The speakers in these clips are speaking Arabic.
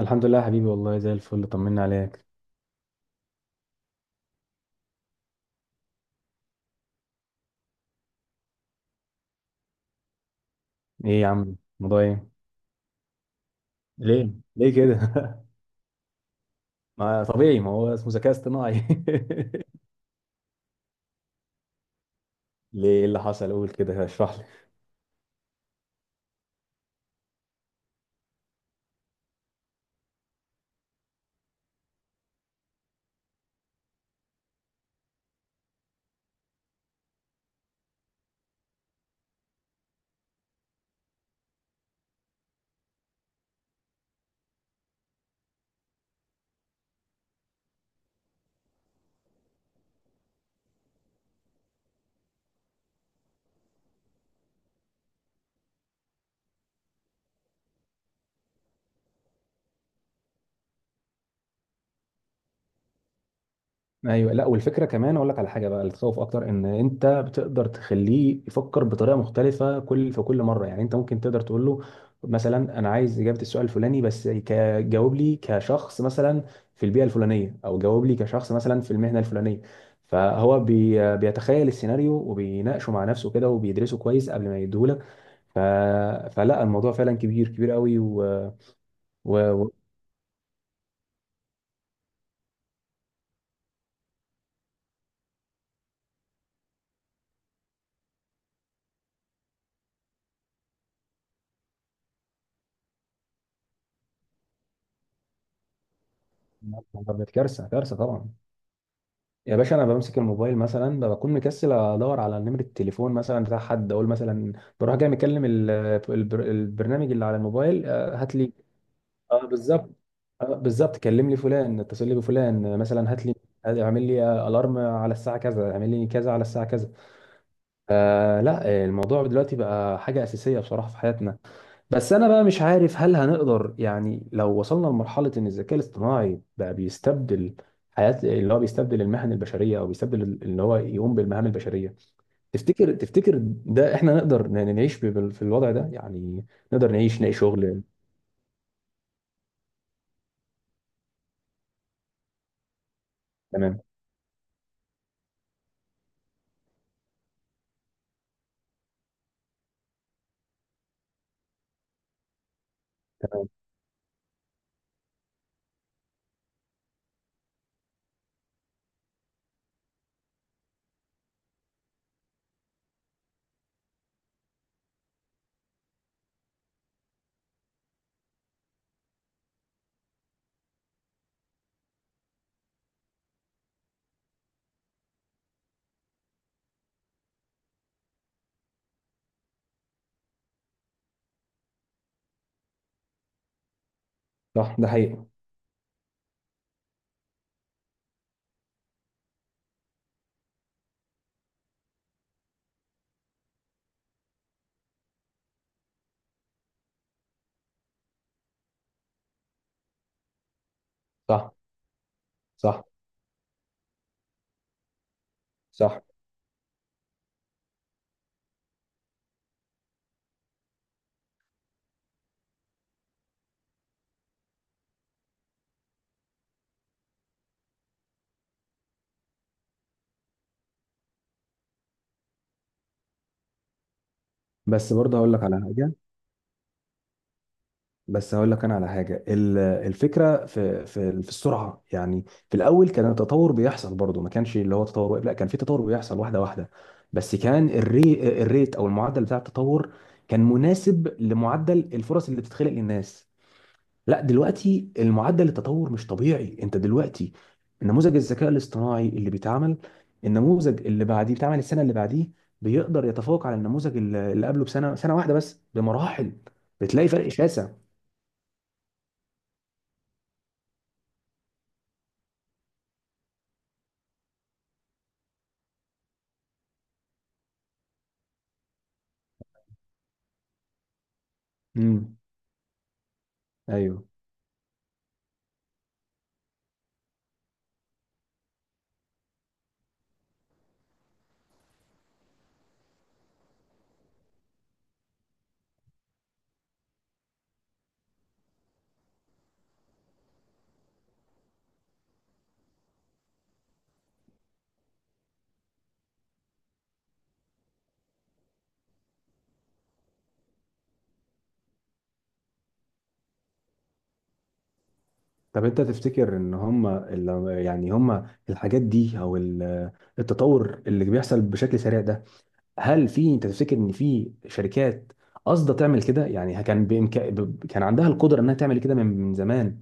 الحمد لله يا حبيبي، والله زي الفل، طمنا عليك. ايه يا عم، الموضوع ايه؟ ليه؟ ليه كده؟ ما طبيعي، ما هو اسمه ذكاء اصطناعي. ليه؟ إيه اللي حصل؟ قول كده، اشرح لي. ايوه. لا، والفكره كمان اقول لك على حاجه بقى، اللي تخوف اكتر ان انت بتقدر تخليه يفكر بطريقه مختلفه في كل مره. يعني انت ممكن تقدر تقول له مثلا، انا عايز اجابه السؤال الفلاني، بس جاوب لي كشخص مثلا في البيئه الفلانيه، او جاوب لي كشخص مثلا في المهنه الفلانيه. فهو بيتخيل السيناريو وبيناقشه مع نفسه كده، وبيدرسه كويس قبل ما يديهولك. ف... فلا، الموضوع فعلا كبير، كبير قوي، و... كارثه، كارثه طبعا. يا باشا، انا بمسك الموبايل مثلا بكون مكسل ادور على نمره التليفون مثلا بتاع حد، اقول مثلا بروح جاي مكلم البرنامج اللي على الموبايل، هات لي. اه بالظبط. بالظبط، كلم لي فلان، اتصل لي بفلان، مثلا هات لي، اعمل لي الارم على الساعه كذا، اعمل لي كذا على الساعه كذا. آه لا، الموضوع دلوقتي بقى حاجه اساسيه بصراحه في حياتنا. بس انا بقى مش عارف هل هنقدر، يعني لو وصلنا لمرحله ان الذكاء الاصطناعي بقى بيستبدل حياه، اللي هو بيستبدل المهن البشريه او بيستبدل اللي هو يقوم بالمهام البشريه. تفتكر، ده احنا نقدر نعيش في الوضع ده يعني، نقدر نعيش نلاقي شغل؟ تمام. تمام. صح، ده حقيقي. صح. صح. صح. بس برضه هقول لك على حاجه، بس هقول لك انا على حاجه، الفكره في السرعه يعني. في الاول كان التطور بيحصل برضه، ما كانش اللي هو تطور واقف، لا كان في تطور بيحصل واحده واحده. بس كان الريت او المعدل بتاع التطور كان مناسب لمعدل الفرص اللي بتتخلق للناس. لا دلوقتي المعدل التطور مش طبيعي. انت دلوقتي نموذج الذكاء الاصطناعي اللي بيتعمل، النموذج اللي بعديه بيتعمل السنه اللي بعديه، بيقدر يتفوق على النموذج اللي قبله بسنه، سنه واحده بس بمراحل، بتلاقي فرق شاسع. امم ايوه. طب انت تفتكر ان هم اللي، يعني هم الحاجات دي، او التطور اللي بيحصل بشكل سريع ده، هل في، انت تفتكر ان في شركات قاصده تعمل كده، يعني كان كان عندها القدره انها تعمل كده من زمان،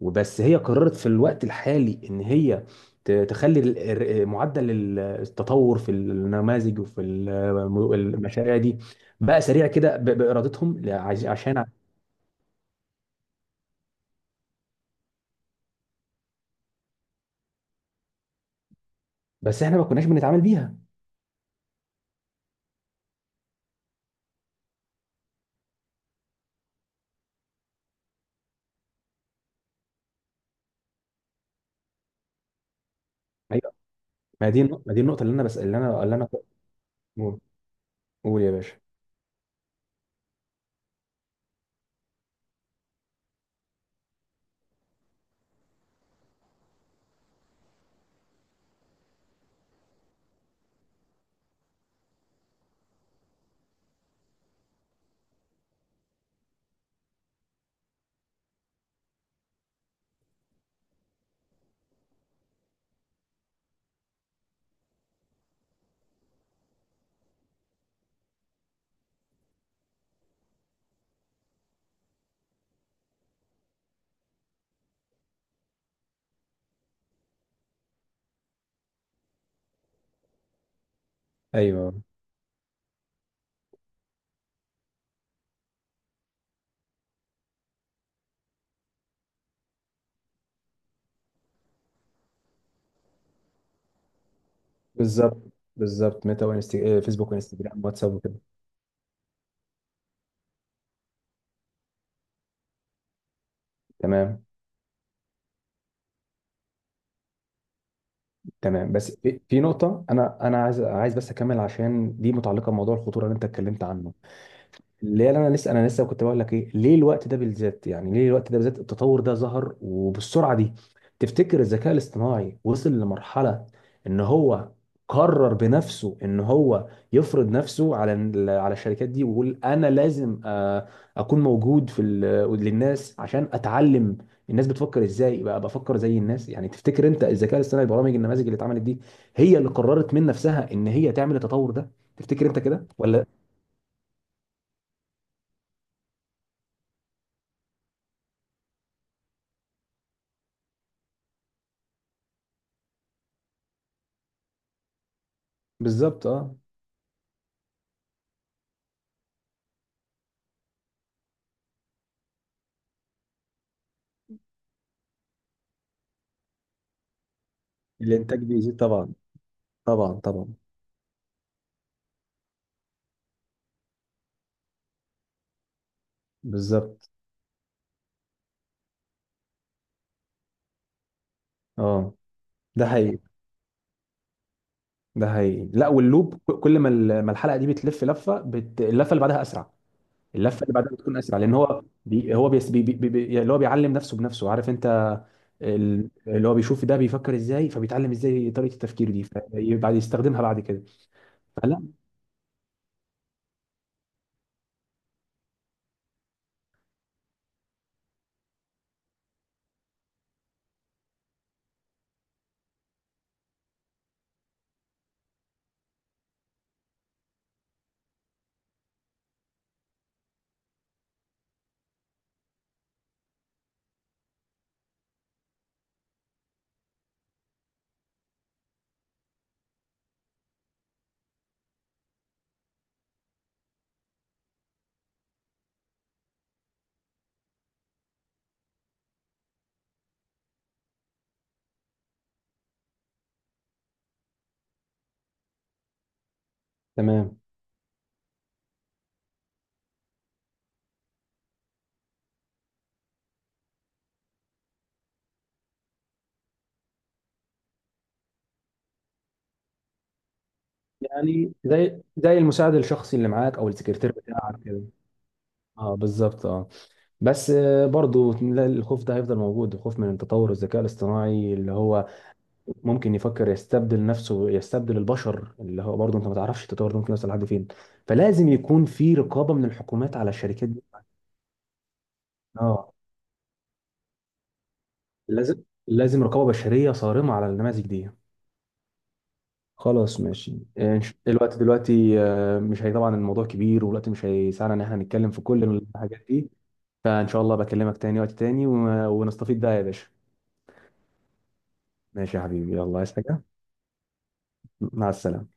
وبس هي قررت في الوقت الحالي ان هي تخلي معدل التطور في النماذج وفي المشاريع دي بقى سريع كده بارادتهم، عشان. بس احنا ما كناش بنتعامل بيها. ما دي النقطة اللي أنا، قول، قول يا باشا. أيوه. بالظبط. بالظبط، ميتا، وإنست... آه، فيسبوك وانستجرام واتساب وكده. تمام. تمام. بس في نقطة، أنا عايز بس أكمل عشان دي متعلقة بموضوع الخطورة اللي أنت اتكلمت عنه. اللي انا لسه كنت بقول لك ايه، ليه الوقت ده بالذات، يعني ليه الوقت ده بالذات التطور ده ظهر وبالسرعه دي؟ تفتكر الذكاء الاصطناعي وصل لمرحله ان هو قرر بنفسه ان هو يفرض نفسه على على الشركات دي، ويقول انا لازم اكون موجود في للناس عشان اتعلم الناس بتفكر ازاي بقى بفكر زي الناس يعني. تفتكر انت الذكاء الاصطناعي، البرامج النماذج اللي اتعملت دي، هي اللي قررت من نفسها ان هي تعمل التطور ده، تفتكر انت كده ولا؟ بالظبط، اه. الانتاج بيزيد طبعا، طبعا طبعا. بالظبط، اه. ده حقيقي. ده حقيقي. لا واللوب، كل ما ما الحلقه دي بتلف لفه، اللفه اللي بعدها اسرع. اللفه اللي بعدها بتكون اسرع لان هو بي... هو بيس... بي... بي... بي... بي- يعني اللي هو بيعلم نفسه بنفسه، عارف انت. اللي هو بيشوف ده بيفكر ازاي، فبيتعلم ازاي طريقه التفكير دي، فبعد يستخدمها بعد كده. فلا تمام. يعني زي المساعد الشخصي اللي معاك، او السكرتير بتاعك. اه بالظبط اه. بس برضو لا، الخوف ده هيفضل موجود، الخوف من تطور الذكاء الاصطناعي اللي هو ممكن يفكر يستبدل نفسه، يستبدل البشر، اللي هو برضو انت ما تعرفش التطور ده ممكن يوصل لحد فين. فلازم يكون في رقابة من الحكومات على الشركات دي. اه. لازم، لازم رقابة بشرية صارمة على النماذج دي. خلاص ماشي. الوقت دلوقتي، مش، هي طبعا الموضوع كبير والوقت مش هيسعنا ان احنا نتكلم في كل الحاجات دي. فان شاء الله بكلمك تاني وقت تاني، ونستفيد بقى يا باشا. ماشي يا حبيبي، يلا، عايز حاجة؟ مع السلامة.